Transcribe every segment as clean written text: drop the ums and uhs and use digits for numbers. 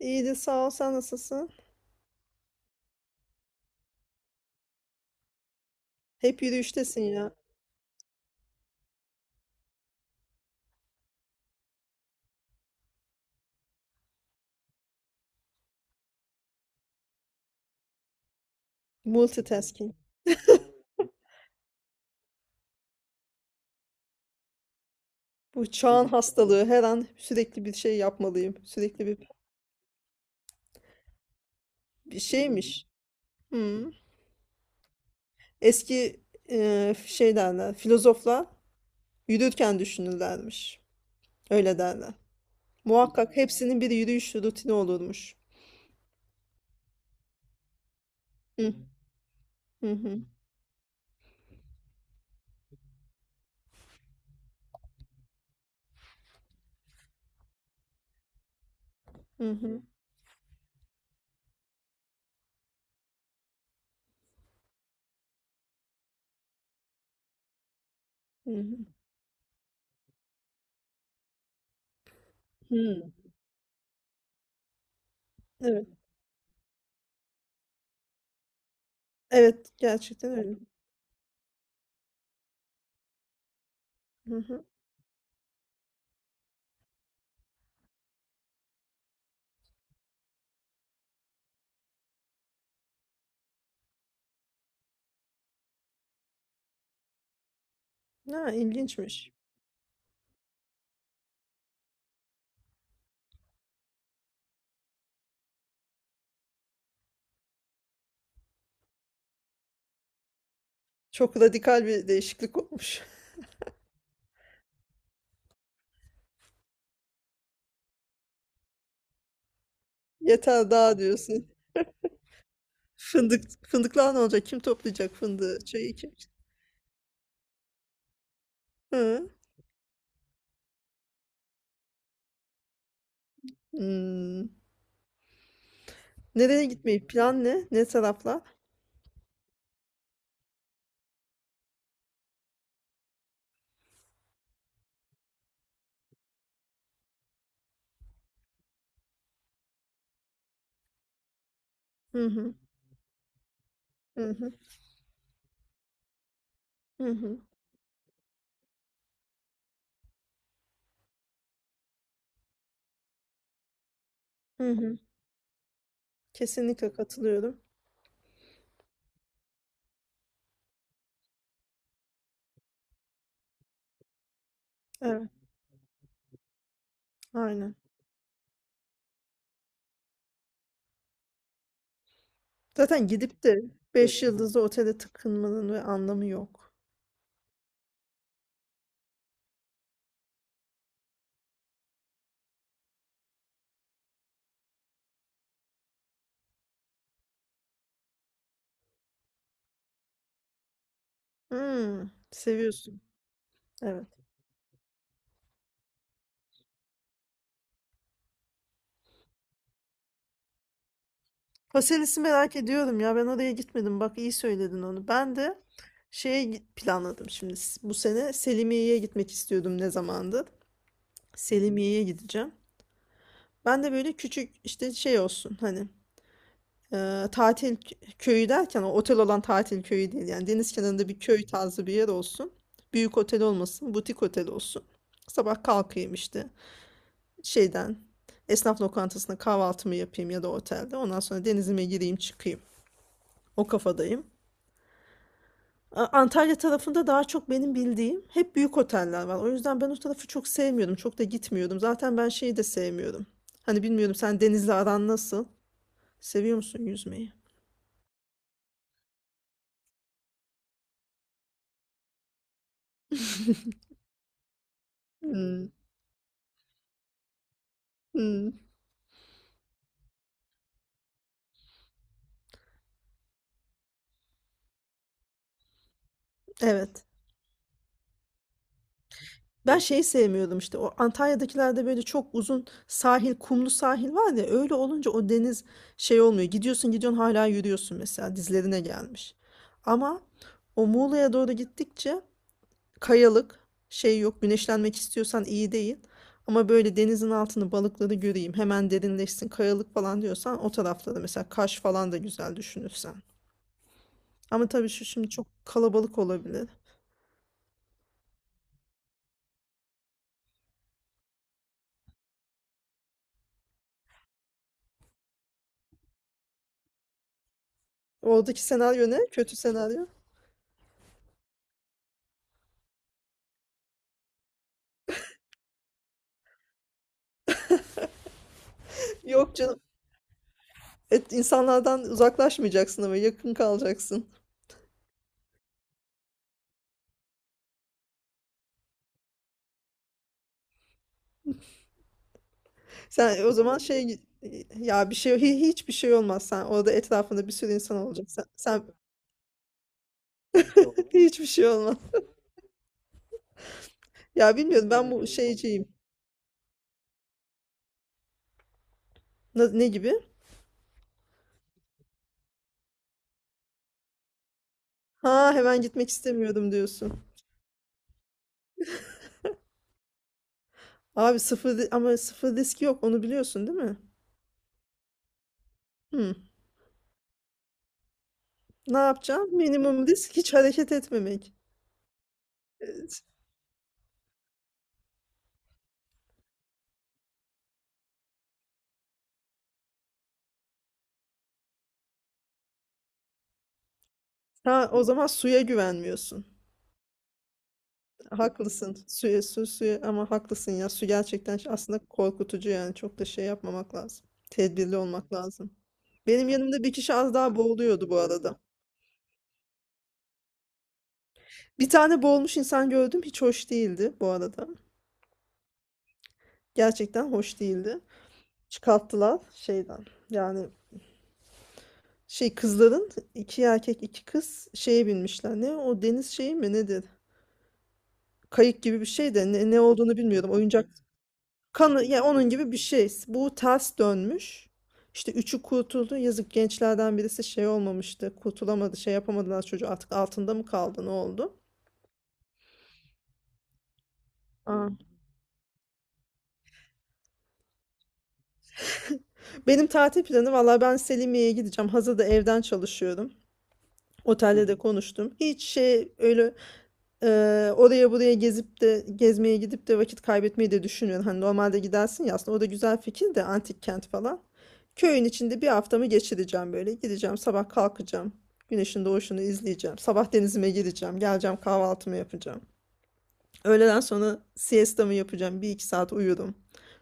İyidir sağ ol sen nasılsın? Hep yürüyüştesin ya. Multitasking. Bu çağın hastalığı her an sürekli bir şey yapmalıyım. Sürekli bir şeymiş. Hmm. Eski şey derler filozoflar yürürken düşünürlermiş. Öyle derler. Muhakkak hepsinin bir yürüyüş rutini olurmuş. Hı hı hı hı hı hı hı. Hı. Evet. Evet, gerçekten öyle. Hı hı. Ha, ilginçmiş. Çok radikal bir değişiklik olmuş. Yeter daha diyorsun. Fındık fındıklar ne olacak? Kim toplayacak fındığı? Çayı kim? Hı. Hmm. Nereye gitmeyi plan ne? Ne taraflar? Hı hı. Hı hı. Hı hı. Hı hı. Kesinlikle katılıyorum. Evet, aynen. Zaten gidip de 5 yıldızlı otele tıkınmanın ve anlamı yok. Hmm, seviyorsun. Evet. Paselis'i merak ediyorum ya. Ben oraya gitmedim. Bak iyi söyledin onu. Ben de planladım şimdi. Bu sene Selimiye'ye gitmek istiyordum ne zamandır. Selimiye'ye gideceğim. Ben de böyle küçük işte şey olsun hani tatil köyü derken o otel olan tatil köyü değil. Yani deniz kenarında bir köy tarzı bir yer olsun. Büyük otel olmasın, butik otel olsun. Sabah kalkayım işte. Şeyden esnaf lokantasında kahvaltımı yapayım ya da otelde. Ondan sonra denizime gireyim çıkayım. O kafadayım. Antalya tarafında daha çok benim bildiğim hep büyük oteller var. O yüzden ben o tarafı çok sevmiyordum. Çok da gitmiyordum. Zaten ben şeyi de sevmiyorum. Hani bilmiyorum sen denizle aran nasıl? Seviyor musun yüzmeyi? Hmm, hmm, evet. Ben şeyi sevmiyordum işte o Antalya'dakilerde böyle çok uzun sahil, kumlu sahil var ya öyle olunca o deniz şey olmuyor. Gidiyorsun gidiyorsun hala yürüyorsun mesela dizlerine gelmiş. Ama o Muğla'ya doğru gittikçe kayalık şey yok, güneşlenmek istiyorsan iyi değil. Ama böyle denizin altını balıkları göreyim hemen derinleşsin kayalık falan diyorsan o tarafları mesela Kaş falan da güzel düşünürsen. Ama tabii şu şimdi çok kalabalık olabilir. Oradaki senaryo ne? Kötü senaryo. Yok canım. Et, insanlardan uzaklaşmayacaksın ama yakın kalacaksın. Sen o zaman şey, ya bir şey hiçbir şey olmaz. Sen orada etrafında bir sürü insan olacak. Sen hiçbir şey olmaz. Ya bilmiyorum ben bu şeyciyim. Ne gibi? Ha hemen gitmek istemiyorum diyorsun. Abi ama sıfır risk yok onu biliyorsun değil mi? Hmm. Ne yapacağım? Minimum risk hiç hareket etmemek. Evet. Ha, o zaman suya güvenmiyorsun. Haklısın. Suya ama haklısın ya. Su gerçekten aslında korkutucu yani. Çok da şey yapmamak lazım. Tedbirli olmak lazım. Benim yanımda bir kişi az daha boğuluyordu bu arada. Bir tane boğulmuş insan gördüm. Hiç hoş değildi bu arada. Gerçekten hoş değildi. Çıkarttılar şeyden. Yani şey kızların, iki erkek iki kız şeye binmişler. Ne o deniz şeyi mi nedir? Kayık gibi bir şey de ne olduğunu bilmiyorum. Oyuncak kanı, yani onun gibi bir şey. Bu ters dönmüş. İşte üçü kurtuldu. Yazık, gençlerden birisi şey olmamıştı. Kurtulamadı, şey yapamadılar çocuğu. Artık altında mı kaldı, ne oldu? Aa. Benim tatil planı valla ben Selimiye'ye gideceğim. Hazır da evden çalışıyorum. Otelde de konuştum. Hiç şey öyle, oraya buraya gezip de gezmeye gidip de vakit kaybetmeyi de düşünüyorum. Hani normalde gidersin ya, aslında o da güzel fikir de antik kent falan. Köyün içinde bir haftamı geçireceğim böyle. Gideceğim, sabah kalkacağım. Güneşin doğuşunu izleyeceğim. Sabah denizime gireceğim. Geleceğim, kahvaltımı yapacağım. Öğleden sonra siestamı yapacağım. Bir iki saat uyurum.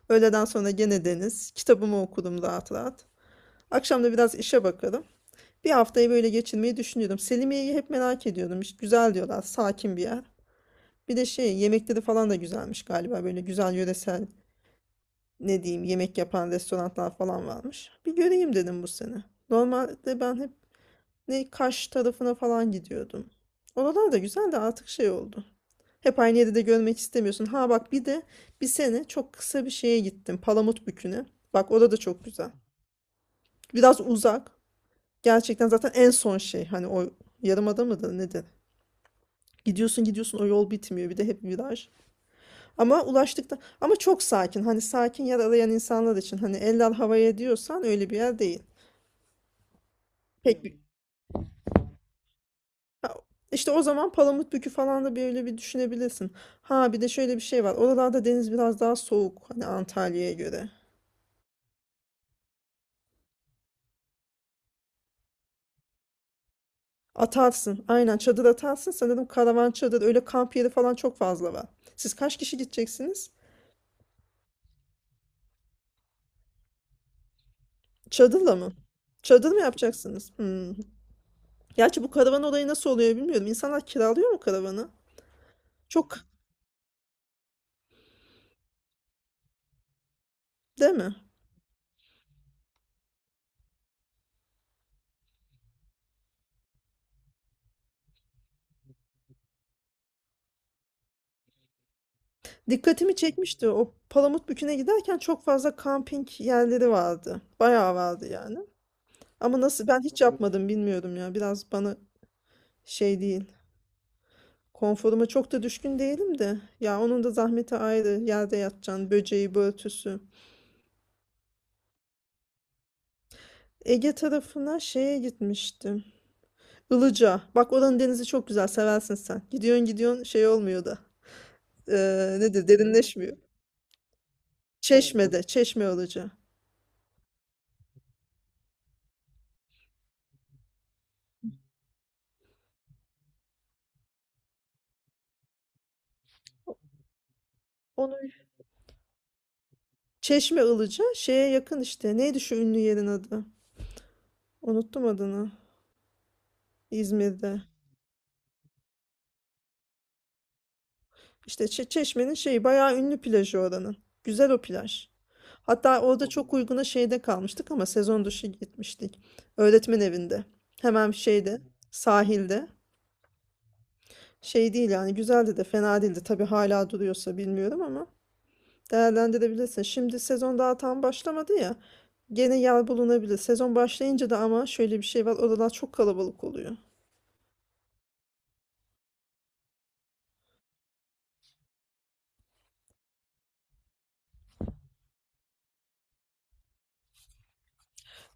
Öğleden sonra gene deniz. Kitabımı okurum rahat rahat. Akşam da biraz işe bakarım. Bir haftayı böyle geçirmeyi düşünüyorum. Selimiye'yi hep merak ediyorum. Güzel diyorlar. Sakin bir yer. Bir de şey, yemekleri falan da güzelmiş galiba. Böyle güzel yöresel ne diyeyim yemek yapan restoranlar falan varmış. Bir göreyim dedim bu sene. Normalde ben hep ne Kaş tarafına falan gidiyordum. Oralar da güzel de artık şey oldu. Hep aynı yeri de görmek istemiyorsun. Ha bak, bir de bir sene çok kısa bir şeye gittim. Palamutbükü'ne. Bak orada da çok güzel. Biraz uzak. Gerçekten zaten en son şey. Hani o yarımada mıdır nedir? Gidiyorsun gidiyorsun o yol bitmiyor. Bir de hep viraj. Ama ulaştıkta ama çok sakin. Hani sakin yer arayan insanlar için, hani eller havaya diyorsan öyle bir yer değil. Pek bir. Ha, işte o zaman Palamutbükü falan da böyle bir düşünebilirsin. Ha bir de şöyle bir şey var. Oralarda deniz biraz daha soğuk hani Antalya'ya göre. Atarsın. Aynen çadır atarsın. Sanırım karavan çadır öyle kamp yeri falan çok fazla var. Siz kaç kişi gideceksiniz? Çadırla mı? Çadır mı yapacaksınız? Hmm. Gerçi bu karavan olayı nasıl oluyor bilmiyorum. İnsanlar kiralıyor mu karavanı? Çok, değil mi? Dikkatimi çekmişti. O Palamutbükü'ne giderken çok fazla kamping yerleri vardı. Bayağı vardı yani. Ama nasıl, ben hiç yapmadım bilmiyorum ya. Biraz bana şey değil. Konforuma çok da düşkün değilim de. Ya onun da zahmeti ayrı. Yerde yatacaksın. Böceği, börtüsü. Ege tarafına şeye gitmiştim. Ilıca. Bak oranın denizi çok güzel. Seversin sen. Gidiyorsun gidiyorsun şey olmuyor da. Nedir? Derinleşmiyor. Çeşme'de. Çeşme Ilıca. Çeşme Ilıca şeye yakın işte. Neydi şu ünlü yerin adı? Unuttum adını. İzmir'de. İşte Çeşme'nin şeyi bayağı ünlü plajı oranın. Güzel o plaj. Hatta orada çok uyguna şeyde kalmıştık ama sezon dışı gitmiştik. Öğretmen evinde. Hemen şeyde, sahilde. Şey değil yani, güzeldi de, fena değildi. Tabii hala duruyorsa bilmiyorum ama değerlendirebilirsin. Şimdi sezon daha tam başlamadı ya. Gene yer bulunabilir. Sezon başlayınca da ama şöyle bir şey var. Oralar çok kalabalık oluyor.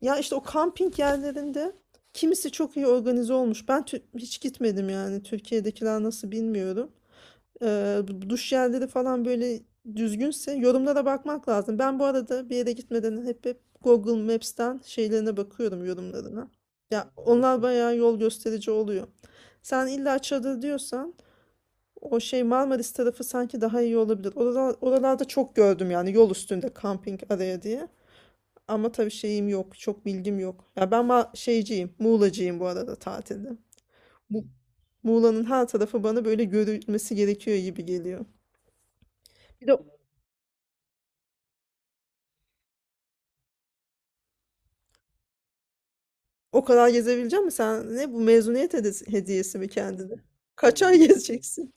Ya işte o kamping yerlerinde kimisi çok iyi organize olmuş. Ben hiç gitmedim yani. Türkiye'dekiler nasıl bilmiyorum. Bu duş yerleri falan böyle düzgünse yorumlara bakmak lazım. Ben bu arada bir yere gitmeden hep, Google Maps'ten şeylerine bakıyorum, yorumlarına. Ya onlar bayağı yol gösterici oluyor. Sen illa çadır diyorsan o şey Marmaris tarafı sanki daha iyi olabilir. Oralarda çok gördüm yani yol üstünde kamping araya diye. Ama tabii şeyim yok. Çok bilgim yok. Ya ben şeyciyim. Muğlacıyım bu arada tatilde. Bu Muğla'nın her tarafı bana böyle görülmesi gerekiyor gibi geliyor. Bir de o kadar gezebilecek mi? Sen ne, bu mezuniyet hediyesi mi kendine? Kaç ay gezeceksin?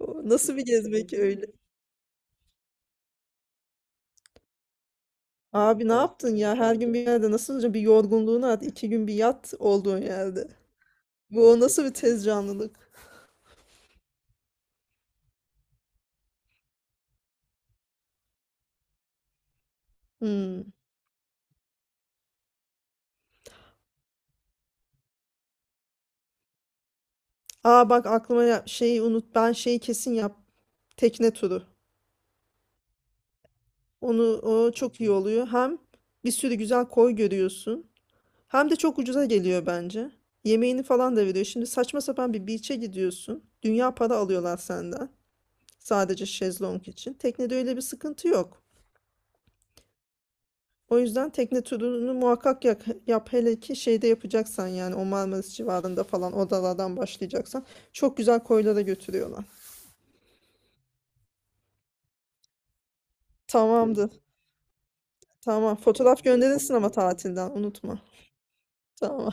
O nasıl bir gezmek öyle? Abi ne yaptın ya? Her gün bir yerde nasıl olacak? Bir yorgunluğunu at. İki gün bir yat olduğun yerde. Bu o nasıl bir tez canlılık? Hmm. Aa bak aklıma, şeyi unut. Ben şeyi kesin yap. Tekne turu. Onu, o çok iyi oluyor. Hem bir sürü güzel koy görüyorsun. Hem de çok ucuza geliyor bence. Yemeğini falan da veriyor. Şimdi saçma sapan bir beach'e gidiyorsun. Dünya para alıyorlar senden. Sadece şezlong için. Teknede öyle bir sıkıntı yok. O yüzden tekne turunu muhakkak yap, yap hele ki şeyde yapacaksan yani o Marmaris civarında falan odalardan başlayacaksan çok güzel koylara götürüyorlar. Tamamdır. Tamam. Fotoğraf gönderirsin ama tatilden unutma. Tamam.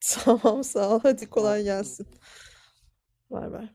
Tamam sağ ol. Hadi kolay gelsin. Var var.